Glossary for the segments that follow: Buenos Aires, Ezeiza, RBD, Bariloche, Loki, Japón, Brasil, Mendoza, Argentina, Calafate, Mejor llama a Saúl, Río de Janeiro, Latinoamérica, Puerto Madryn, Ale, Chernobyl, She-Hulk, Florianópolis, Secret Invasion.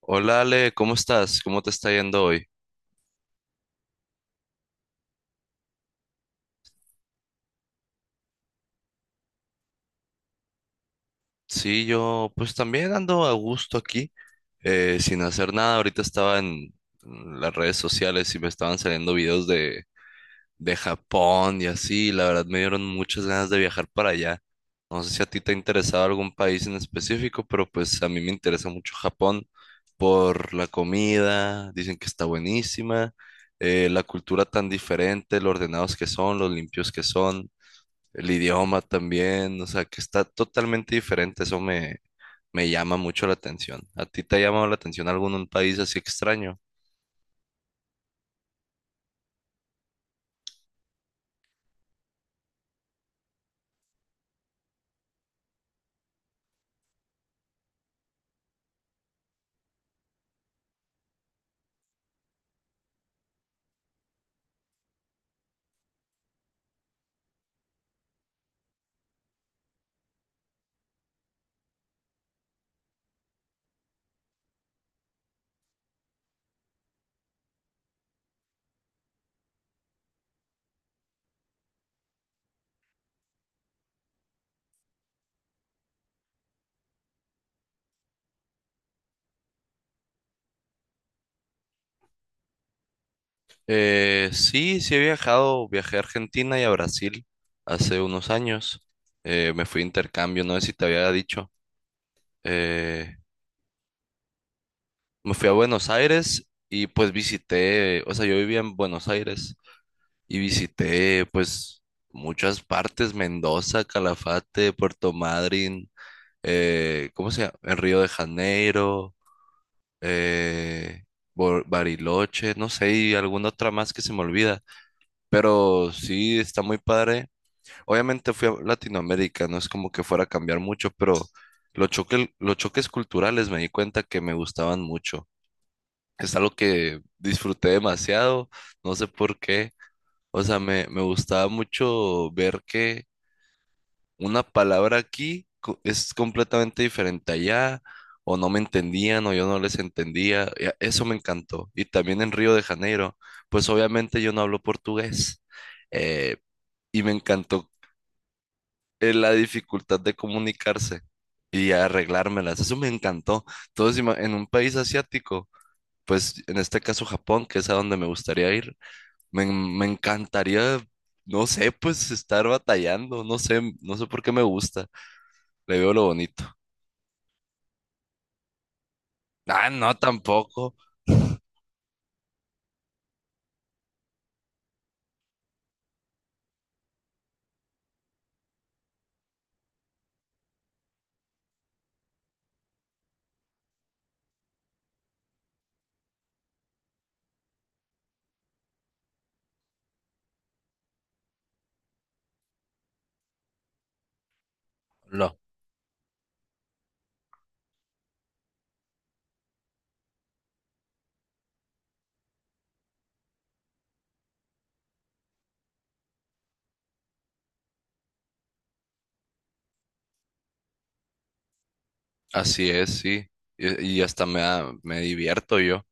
Hola Ale, ¿cómo estás? ¿Cómo te está yendo hoy? Sí, yo pues también ando a gusto aquí, sin hacer nada. Ahorita estaba en las redes sociales y me estaban saliendo videos de Japón y así. Y la verdad me dieron muchas ganas de viajar para allá. No sé si a ti te ha interesado algún país en específico, pero pues a mí me interesa mucho Japón por la comida. Dicen que está buenísima, la cultura tan diferente, lo ordenados que son, los limpios que son. El idioma también, o sea, que está totalmente diferente, me llama mucho la atención. ¿A ti te ha llamado la atención algún país así extraño? Sí, he viajado, viajé a Argentina y a Brasil hace unos años. Me fui a intercambio, no sé si te había dicho. Eh, me fui a Buenos Aires y pues visité, o sea, yo vivía en Buenos Aires y visité pues muchas partes: Mendoza, Calafate, Puerto Madryn. ¿Cómo se llama? En Río de Janeiro, eh, Bariloche, no sé, y alguna otra más que se me olvida, pero sí está muy padre. Obviamente fui a Latinoamérica, no es como que fuera a cambiar mucho, pero los choques culturales me di cuenta que me gustaban mucho. Es algo que disfruté demasiado, no sé por qué. O sea, me gustaba mucho ver que una palabra aquí es completamente diferente allá, o no me entendían, o yo no les entendía. Eso me encantó. Y también en Río de Janeiro, pues obviamente yo no hablo portugués. eh, y me encantó, la dificultad de comunicarse y arreglármelas. Eso me encantó. Entonces, en un país asiático, pues en este caso Japón, que es a donde me gustaría ir, me encantaría. No sé, pues estar batallando, no sé, no sé por qué me gusta. Le veo lo bonito. Ah, no, tampoco. No, así es, sí. Y hasta me divierto yo.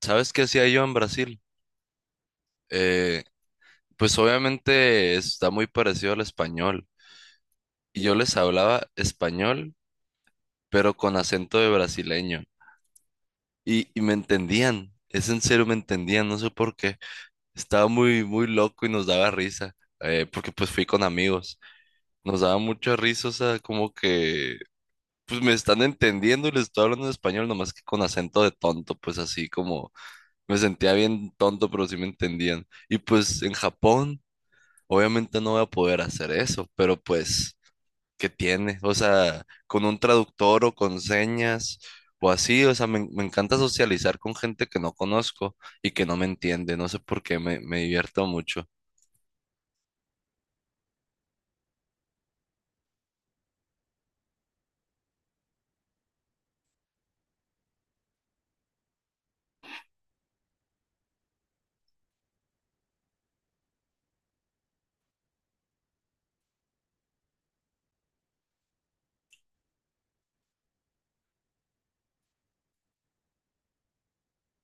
¿Sabes qué hacía yo en Brasil? Eh, pues obviamente está muy parecido al español. Y yo les hablaba español, pero con acento de brasileño. Y me entendían. Es en serio, me entendían. No sé por qué. Estaba muy, muy loco y nos daba risa. Porque pues fui con amigos. Nos daba mucha risa, o sea, como que pues me están entendiendo y les estoy hablando en español, nomás que con acento de tonto, pues así como me sentía bien tonto, pero sí me entendían. Y pues en Japón, obviamente no voy a poder hacer eso, pero pues, ¿qué tiene? O sea, con un traductor o con señas o así, o sea, me encanta socializar con gente que no conozco y que no me entiende, no sé por qué, me divierto mucho.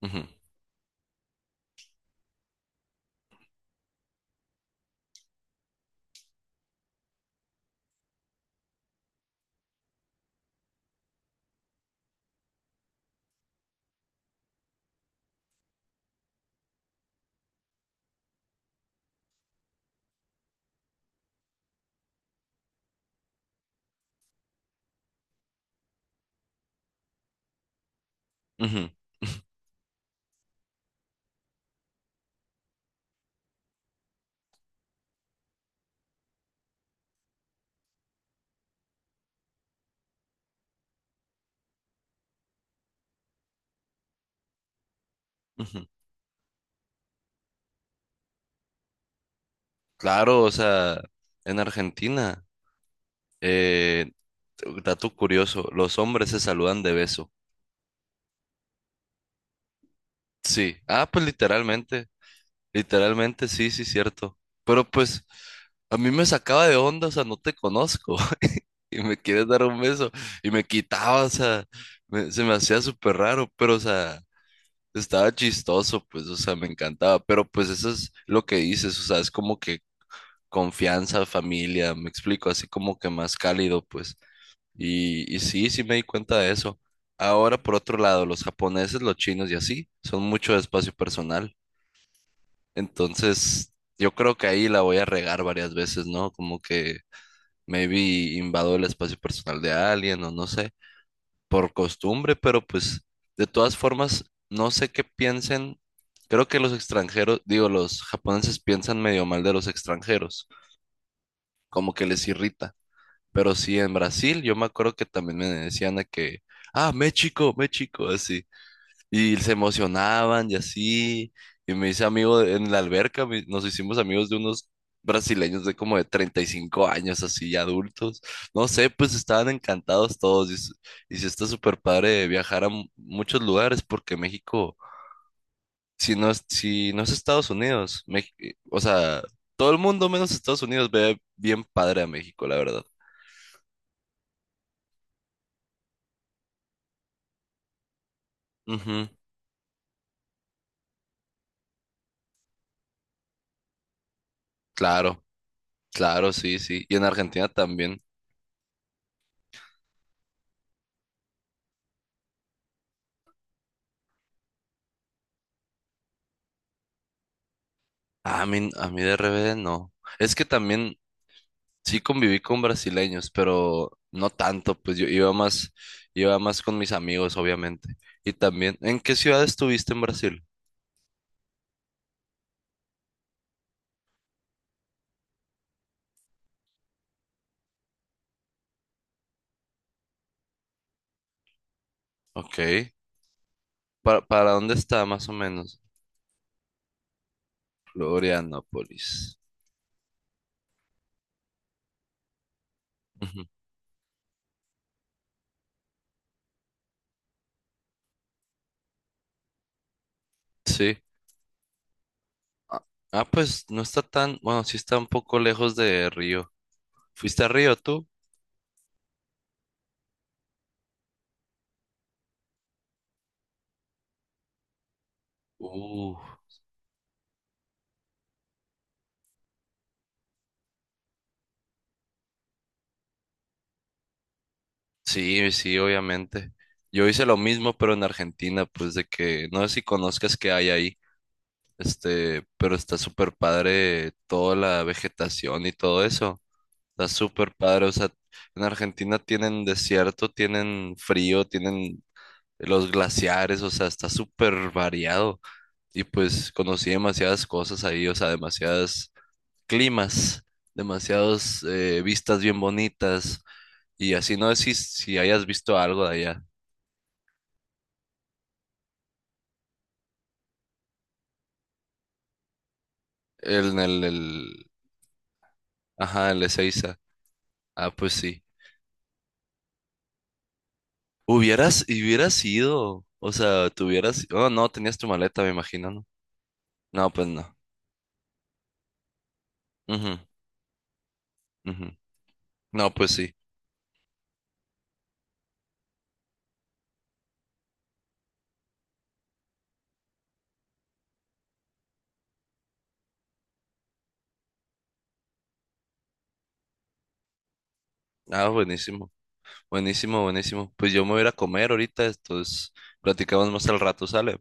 Ujú, ujú. ujú. Claro, o sea, en Argentina. eh, Dato curioso, los hombres se saludan de beso. Sí. Ah, pues literalmente, literalmente, sí, sí, cierto. Pero pues a mí me sacaba de onda, o sea, no te conozco y me quieres dar un beso y me quitaba, o sea, se me hacía súper raro, pero o sea, estaba chistoso, pues, o sea, me encantaba. Pero pues eso es lo que dices, o sea, es como que confianza, familia, me explico, así como que más cálido, pues. Y sí, sí me di cuenta de eso. Ahora, por otro lado, los japoneses, los chinos y así, son mucho de espacio personal. Entonces, yo creo que ahí la voy a regar varias veces, ¿no? Como que maybe invado el espacio personal de alguien o no sé, por costumbre, pero pues de todas formas, no sé qué piensen. Creo que los extranjeros, digo, los japoneses piensan medio mal de los extranjeros, como que les irrita. Pero sí, en Brasil, yo me acuerdo que también me decían de que, ah, México, México, así. Y se emocionaban y así. Y me hice amigo en la alberca, nos hicimos amigos de unos brasileños de como de 35 años, así, adultos. No sé, pues estaban encantados todos. Y sí está súper padre viajar a muchos lugares porque México, si no es Estados Unidos, o sea, todo el mundo menos Estados Unidos ve bien padre a México, la verdad. Ujú, claro. Claro, sí, sí. Y en Argentina también. A mí de RBD no. Es que también sí conviví con brasileños, pero no tanto, pues yo iba más con mis amigos, obviamente. Y también, ¿en qué ciudad estuviste en Brasil? Ok. Para dónde está más o menos? Florianópolis. Ujú. Sí. Ah, ah, pues no está tan, bueno, sí está un poco lejos de Río. ¿Fuiste a Río tú? Uh. Sí, sí, obviamente. Yo hice lo mismo, pero en Argentina, pues de que no sé si conozcas qué hay ahí, este, pero está súper padre toda la vegetación y todo eso. Está súper padre. O sea, en Argentina tienen desierto, tienen frío, tienen los glaciares, o sea, está súper variado. Y pues conocí demasiadas cosas ahí, o sea, demasiadas climas, demasiadas vistas bien bonitas. Y así no sé si, si hayas visto algo de allá. El, el, el, ajá, el Ezeiza. Ah, pues sí. Hubieras, y hubieras ido, o sea, tuvieras, oh, no, tenías tu maleta, me imagino, ¿no? No, pues no. Ujú, ujú. No, pues sí. Ah, buenísimo, buenísimo, buenísimo. Pues yo me voy a ir a comer ahorita, entonces platicamos más al rato, ¿sale?